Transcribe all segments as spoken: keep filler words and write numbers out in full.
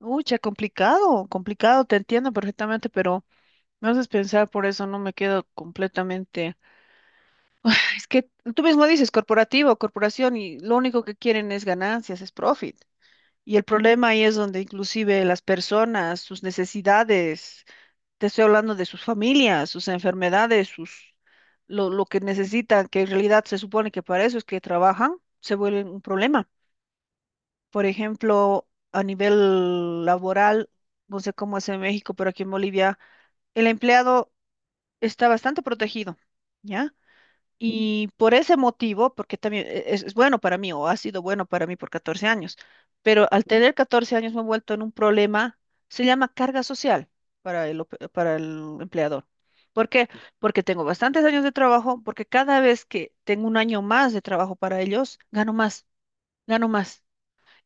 Uy, ya complicado, complicado, te entiendo perfectamente, pero me haces pensar, por eso no me quedo completamente. Es que tú mismo dices corporativo, corporación, y lo único que quieren es ganancias, es profit. Y el problema ahí es donde inclusive las personas, sus necesidades, te estoy hablando de sus familias, sus enfermedades, sus lo, lo que necesitan, que en realidad se supone que para eso es que trabajan, se vuelven un problema. Por ejemplo, a nivel laboral, no sé cómo es en México, pero aquí en Bolivia, el empleado está bastante protegido, ¿ya? Y por ese motivo, porque también e- es, es bueno para mí, o ha sido bueno para mí por catorce años, pero al tener catorce años me he vuelto en un problema, se llama carga social para el, op- para el empleador. ¿Por qué? Porque tengo bastantes años de trabajo, porque cada vez que tengo un año más de trabajo para ellos, gano más, gano más.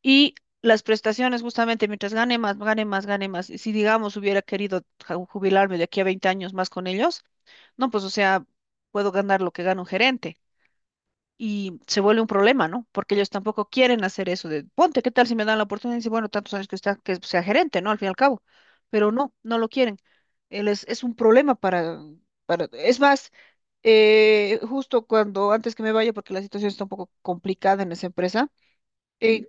Y las prestaciones, justamente, mientras gane más, gane más, gane más. Y si, digamos, hubiera querido ja- jubilarme de aquí a veinte años más con ellos, no, pues, o sea, puedo ganar lo que gana un gerente. Y se vuelve un problema, ¿no? Porque ellos tampoco quieren hacer eso de, ponte, ¿qué tal si me dan la oportunidad? Y dice, bueno, tantos años que está, que sea gerente, ¿no? Al fin y al cabo. Pero no, no lo quieren. Él es, es un problema para, para, es más, eh, justo cuando, antes que me vaya, porque la situación está un poco complicada en esa empresa, eh,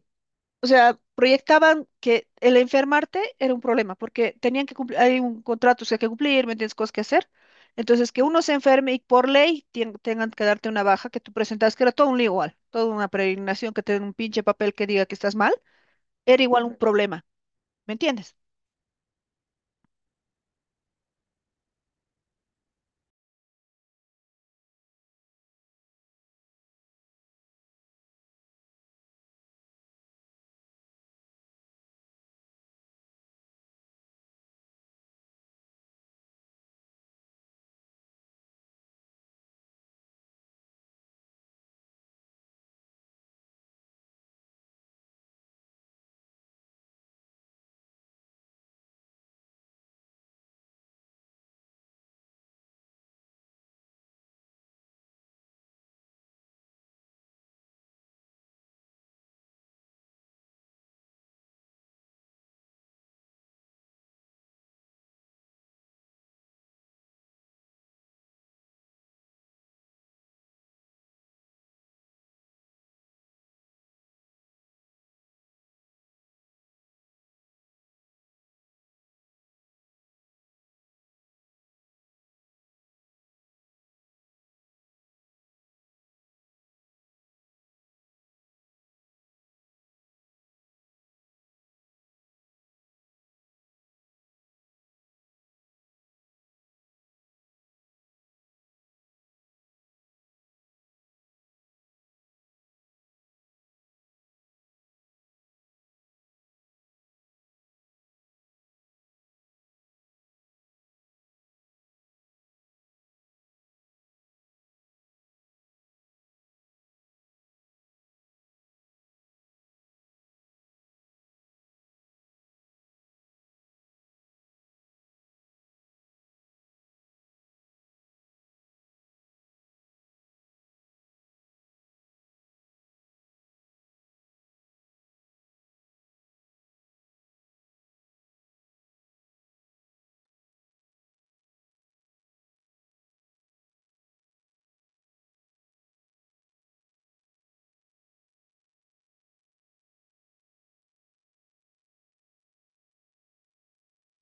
o sea, proyectaban que el enfermarte era un problema, porque tenían que cumplir, hay un contrato que hay que cumplir, ¿me entiendes? Cosas que hacer. Entonces, que uno se enferme y por ley tien- tengan que darte una baja que tú presentas, que era todo un lío igual, toda una peregrinación que te den un pinche papel que diga que estás mal, era igual un Ujú. Problema, ¿me entiendes?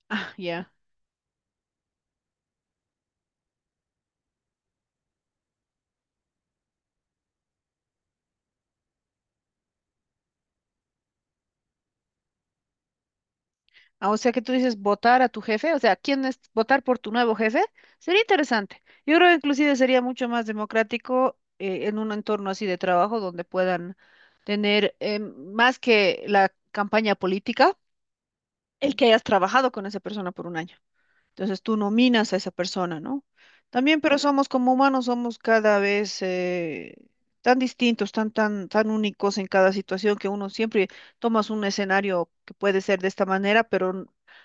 Ah, ya. Ah, o sea que tú dices votar a tu jefe, o sea, ¿quién es votar por tu nuevo jefe? Sería interesante. Yo creo que inclusive sería mucho más democrático eh, en un entorno así de trabajo donde puedan tener, eh, más que la campaña política, el que hayas trabajado con esa persona por un año. Entonces tú nominas a esa persona, ¿no? También, pero somos como humanos, somos cada vez eh, tan distintos, tan, tan, tan únicos en cada situación que uno siempre tomas un escenario que puede ser de esta manera, pero n-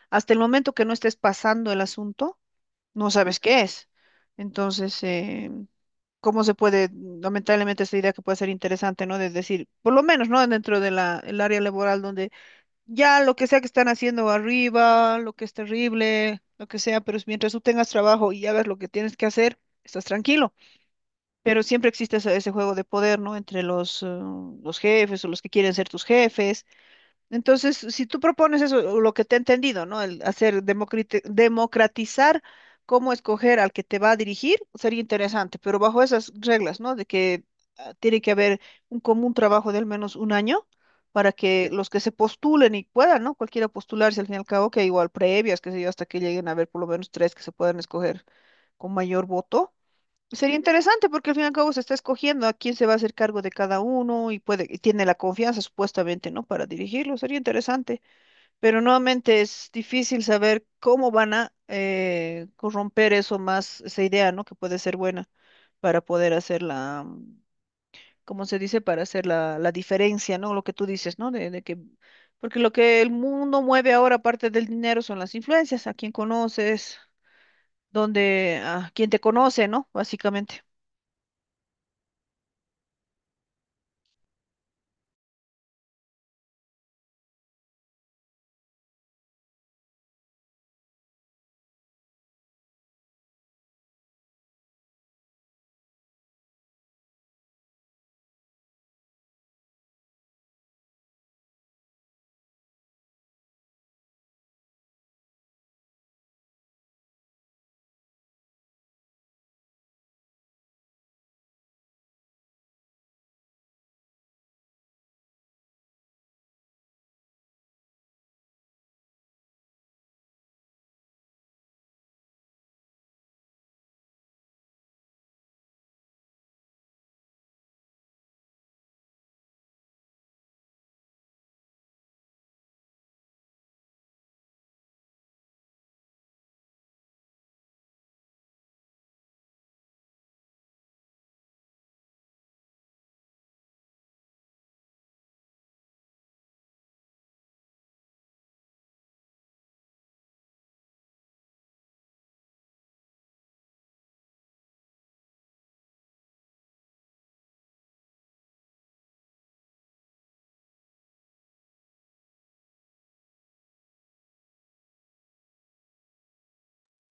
hasta el momento que no estés pasando el asunto, no sabes qué es. Entonces, eh, ¿cómo se puede, lamentablemente, esta idea que puede ser interesante, no? De decir, por lo menos, ¿no? Dentro de la, el área laboral donde ya lo que sea que están haciendo arriba, lo que es terrible, lo que sea, pero es mientras tú tengas trabajo y hagas lo que tienes que hacer, estás tranquilo. Pero siempre existe ese, ese juego de poder, ¿no? Entre los, eh, los jefes o los que quieren ser tus jefes. Entonces, si tú propones eso, o lo que te he entendido, ¿no? El hacer democrite- democratizar cómo escoger al que te va a dirigir sería interesante, pero bajo esas reglas, ¿no? De que ah, tiene que haber un común trabajo de al menos un año para que los que se postulen y puedan, ¿no? Cualquiera postularse al fin y al cabo, que igual previas, qué sé yo, hasta que lleguen a haber por lo menos tres que se puedan escoger con mayor voto. Sería interesante porque al fin y al cabo se está escogiendo a quién se va a hacer cargo de cada uno y puede, y tiene la confianza supuestamente, ¿no? Para dirigirlo, sería interesante. Pero nuevamente es difícil saber cómo van a eh, corromper eso más, esa idea, ¿no? Que puede ser buena para poder hacer la, mm, ¿cómo se dice? Para hacer la, la diferencia, ¿no? Lo que tú dices, ¿no? De, de que, porque lo que el mundo mueve ahora, aparte del dinero, son las influencias, a quién conoces, dónde, a quién te conoce, ¿no? Básicamente.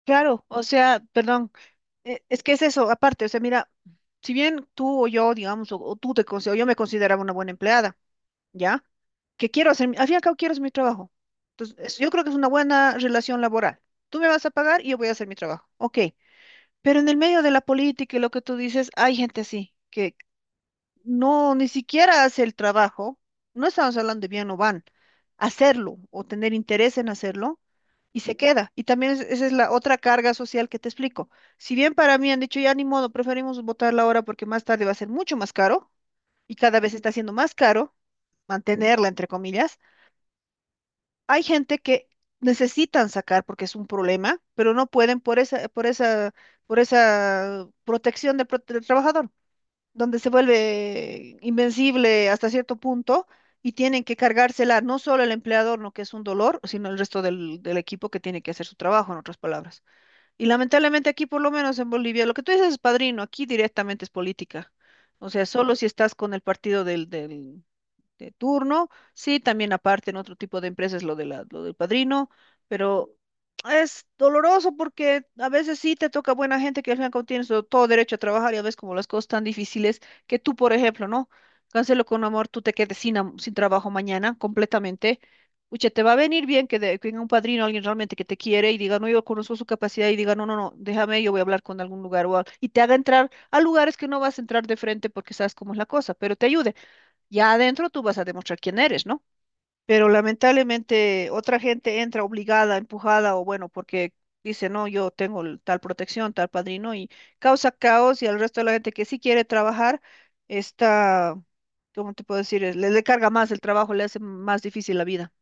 Claro, o sea, perdón, e- es que es eso, aparte, o sea, mira, si bien tú o yo, digamos, o, o tú te considero, yo me consideraba una buena empleada, ¿ya? Que quiero hacer, mi- al fin y al cabo quiero hacer mi trabajo. Entonces, es- yo creo que es una buena relación laboral. Tú me vas a pagar y yo voy a hacer mi trabajo, ok. Pero en el medio de la política y lo que tú dices, hay gente así, no, ni siquiera hace el trabajo, no estamos hablando de bien o van, hacerlo o tener interés en hacerlo y se queda. Y también es- esa es la otra carga social que te explico. Si bien para mí han dicho ya ni modo, preferimos votarla ahora porque más tarde va a ser mucho más caro y cada vez está siendo más caro mantenerla, entre comillas, hay gente que necesitan sacar porque es un problema, pero no pueden por esa, por esa, por esa protección de pro- del trabajador donde se vuelve invencible hasta cierto punto y tienen que cargársela no solo el empleador, no que es un dolor, sino el resto del, del equipo que tiene que hacer su trabajo, en otras palabras. Y lamentablemente aquí, por lo menos en Bolivia, lo que tú dices es padrino, aquí directamente es política. O sea, solo si estás con el partido del, del, de turno. Sí, también aparte en otro tipo de empresas lo de la, lo del padrino, pero es doloroso porque a veces sí te toca buena gente que al final como tienes todo todo derecho a trabajar y a veces como las cosas tan difíciles que tú, por ejemplo, ¿no? Cancelo con amor, tú te quedes sin, am- sin trabajo mañana completamente. Uche, te va a venir bien que, de- que venga un padrino, alguien realmente que te quiere y diga, no, yo conozco su capacidad y diga, no, no, no, déjame, yo voy a hablar con algún lugar o al- y te haga entrar a lugares que no vas a entrar de frente porque sabes cómo es la cosa, pero te ayude. Ya adentro tú vas a demostrar quién eres, ¿no? Pero lamentablemente otra gente entra obligada, empujada o bueno, porque dice, no, yo tengo el- tal protección, tal padrino y causa caos y al resto de la gente que sí quiere trabajar está, ¿cómo te puedo decir? Eh, Le, le carga más el trabajo, le hace más difícil la vida.